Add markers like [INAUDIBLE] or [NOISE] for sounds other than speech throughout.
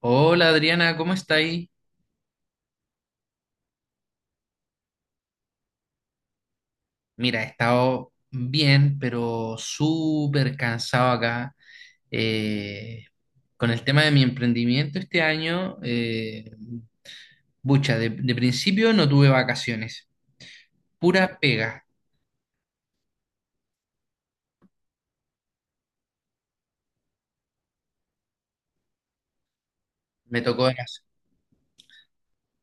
Hola Adriana, ¿cómo está ahí? Mira, he estado bien, pero súper cansado acá. Eh, con el tema de mi emprendimiento este año, bucha, de principio no tuve vacaciones, pura pega. Me tocó,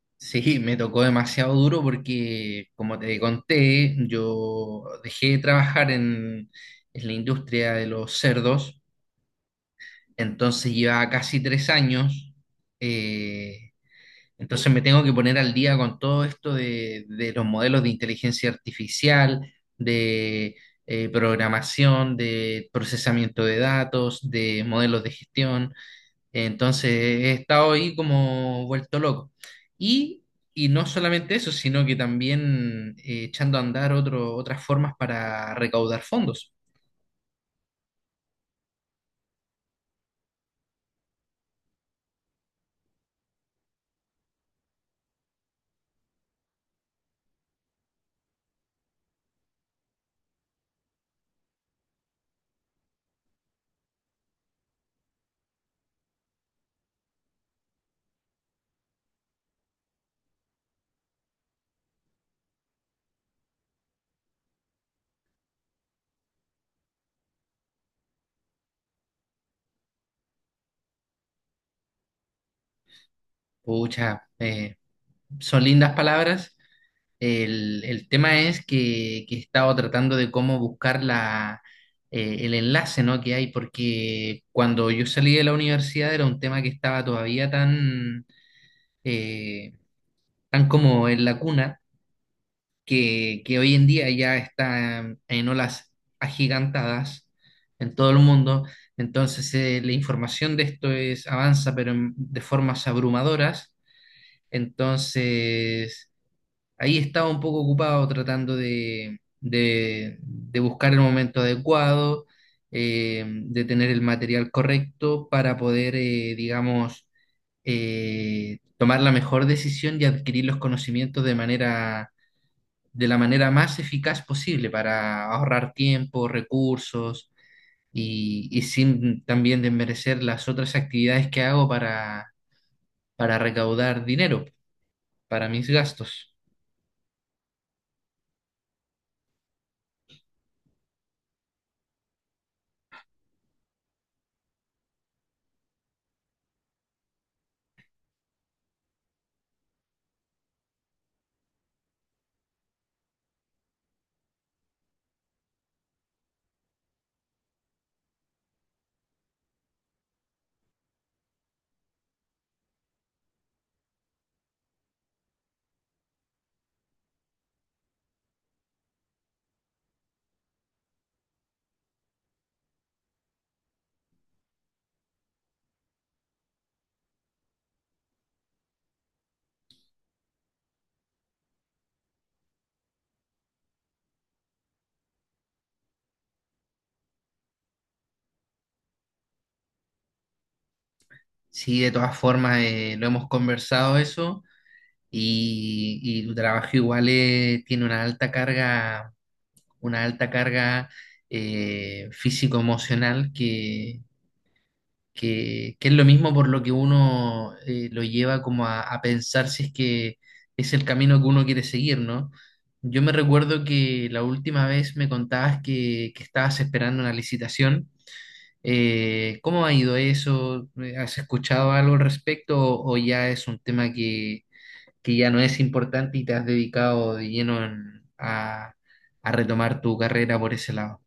[LAUGHS] sí, me tocó demasiado duro porque, como te conté, yo dejé de trabajar en la industria de los cerdos, entonces llevaba casi 3 años. eh, Entonces me tengo que poner al día con todo esto de los modelos de inteligencia artificial, de programación, de procesamiento de datos, de modelos de gestión. Entonces he estado ahí como vuelto loco. Y, y no solamente eso, sino que también echando a andar otras formas para recaudar fondos. Pucha, son lindas palabras. El tema es que he estado tratando de cómo buscar el enlace, ¿no? Que hay, porque cuando yo salí de la universidad era un tema que estaba todavía tan, eh, tan como en la cuna, que hoy en día ya está en olas agigantadas en todo el mundo. Entonces, la información de esto es, avanza, pero de formas abrumadoras. Entonces ahí estaba un poco ocupado tratando de buscar el momento adecuado, de tener el material correcto para poder, digamos, tomar la mejor decisión y adquirir los conocimientos de la manera más eficaz posible para ahorrar tiempo, recursos y sin también desmerecer las otras actividades que hago para recaudar dinero para mis gastos. Sí, de todas formas, lo hemos conversado eso y tu trabajo igual tiene una alta carga físico-emocional que es lo mismo por lo que uno lo lleva como a pensar si es que es el camino que uno quiere seguir, ¿no? Yo me recuerdo que la última vez me contabas que estabas esperando una licitación, ¿cómo ha ido eso? ¿Has escuchado algo al respecto o ya es un tema que ya no es importante y te has dedicado de lleno a retomar tu carrera por ese lado?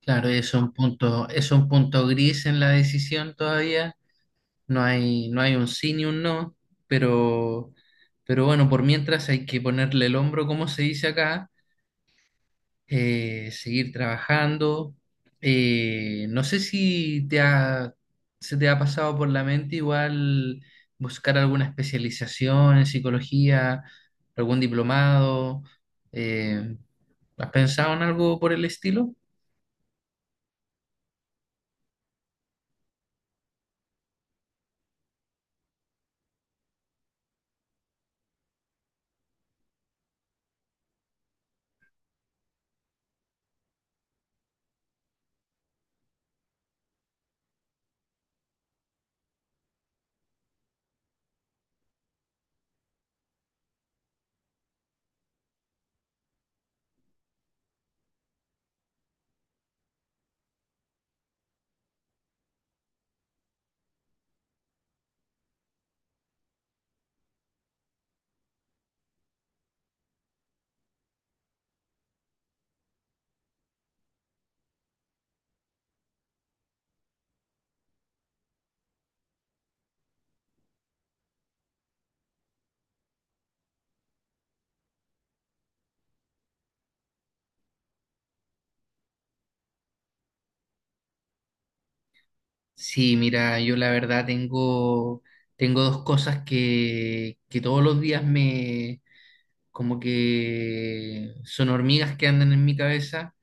Claro, es un punto gris en la decisión todavía. No hay, no hay un sí ni un no, pero, pero bueno, por mientras hay que ponerle el hombro, como se dice acá. Seguir trabajando. No sé si te se te ha pasado por la mente igual buscar alguna especialización en psicología, algún diplomado. eh, ¿Has pensado en algo por el estilo? Sí, mira, yo la verdad tengo, tengo dos cosas que todos los días me, como que son hormigas que andan en mi cabeza.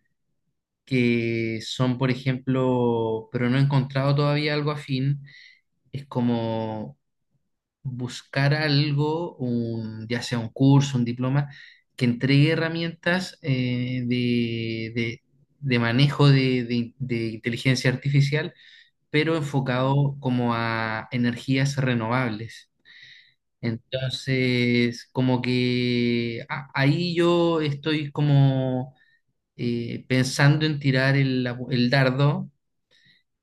Que son, por ejemplo, pero no he encontrado todavía algo afín, es como buscar algo, un, ya sea un curso, un diploma, que entregue herramientas de manejo de inteligencia artificial, pero enfocado como a energías renovables. Entonces, como que ahí yo estoy como pensando en tirar el dardo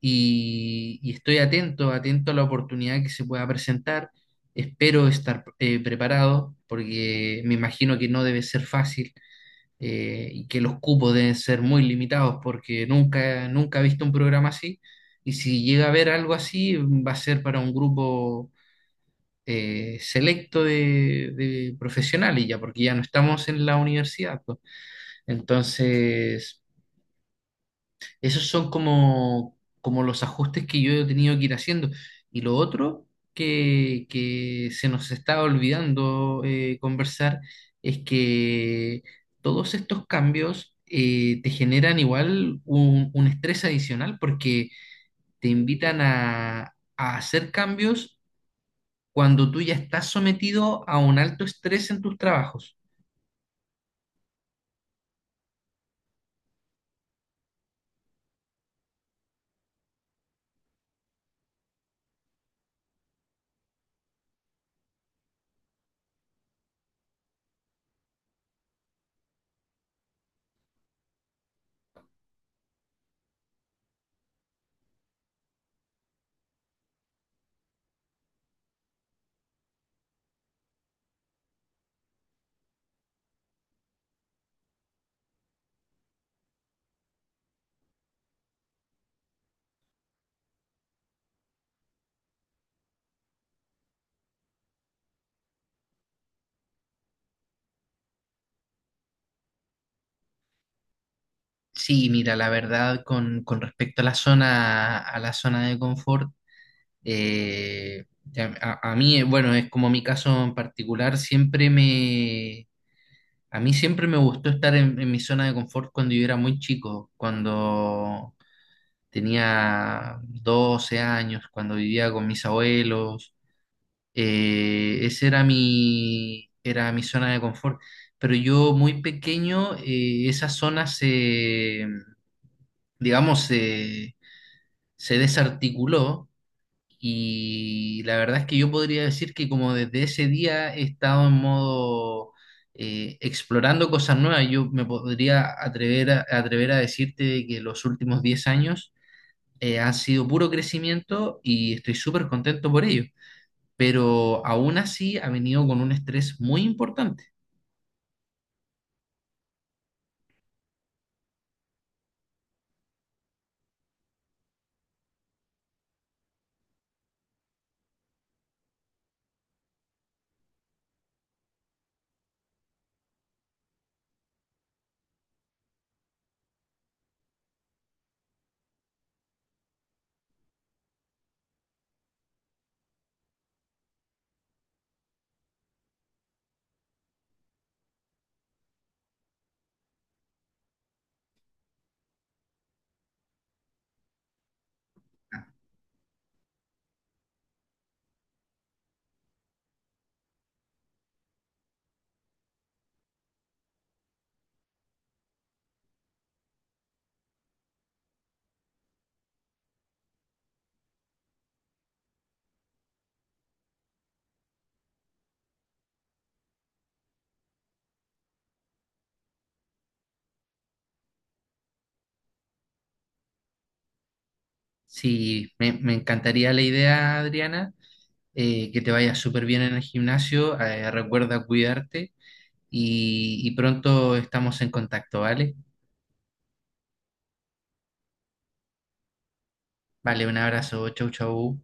y estoy atento, atento a la oportunidad que se pueda presentar. Espero estar preparado porque me imagino que no debe ser fácil y que los cupos deben ser muy limitados porque nunca, nunca he visto un programa así, y si llega a haber algo así va a ser para un grupo selecto de profesionales ya, porque ya no estamos en la universidad, pues. Entonces... esos son como, como los ajustes que yo he tenido que ir haciendo. Y lo otro que se nos está olvidando conversar es que todos estos cambios te generan igual un estrés adicional porque te invitan a hacer cambios cuando tú ya estás sometido a un alto estrés en tus trabajos. Sí, mira, la verdad, con respecto a la zona de confort, Eh, a mí, bueno, es como mi caso en particular, siempre me, a mí siempre me gustó estar en mi zona de confort cuando yo era muy chico, cuando tenía 12 años, cuando vivía con mis abuelos. Esa era mi zona de confort. Pero yo muy pequeño, esa zona se, digamos, se desarticuló. Y la verdad es que yo podría decir que como desde ese día he estado en modo explorando cosas nuevas. Yo me podría atrever atrever a decirte que los últimos 10 años han sido puro crecimiento y estoy súper contento por ello. Pero aún así ha venido con un estrés muy importante. Sí, me encantaría la idea, Adriana, que te vaya súper bien en el gimnasio. Recuerda cuidarte y pronto estamos en contacto, ¿vale? Vale, un abrazo, chau, chau.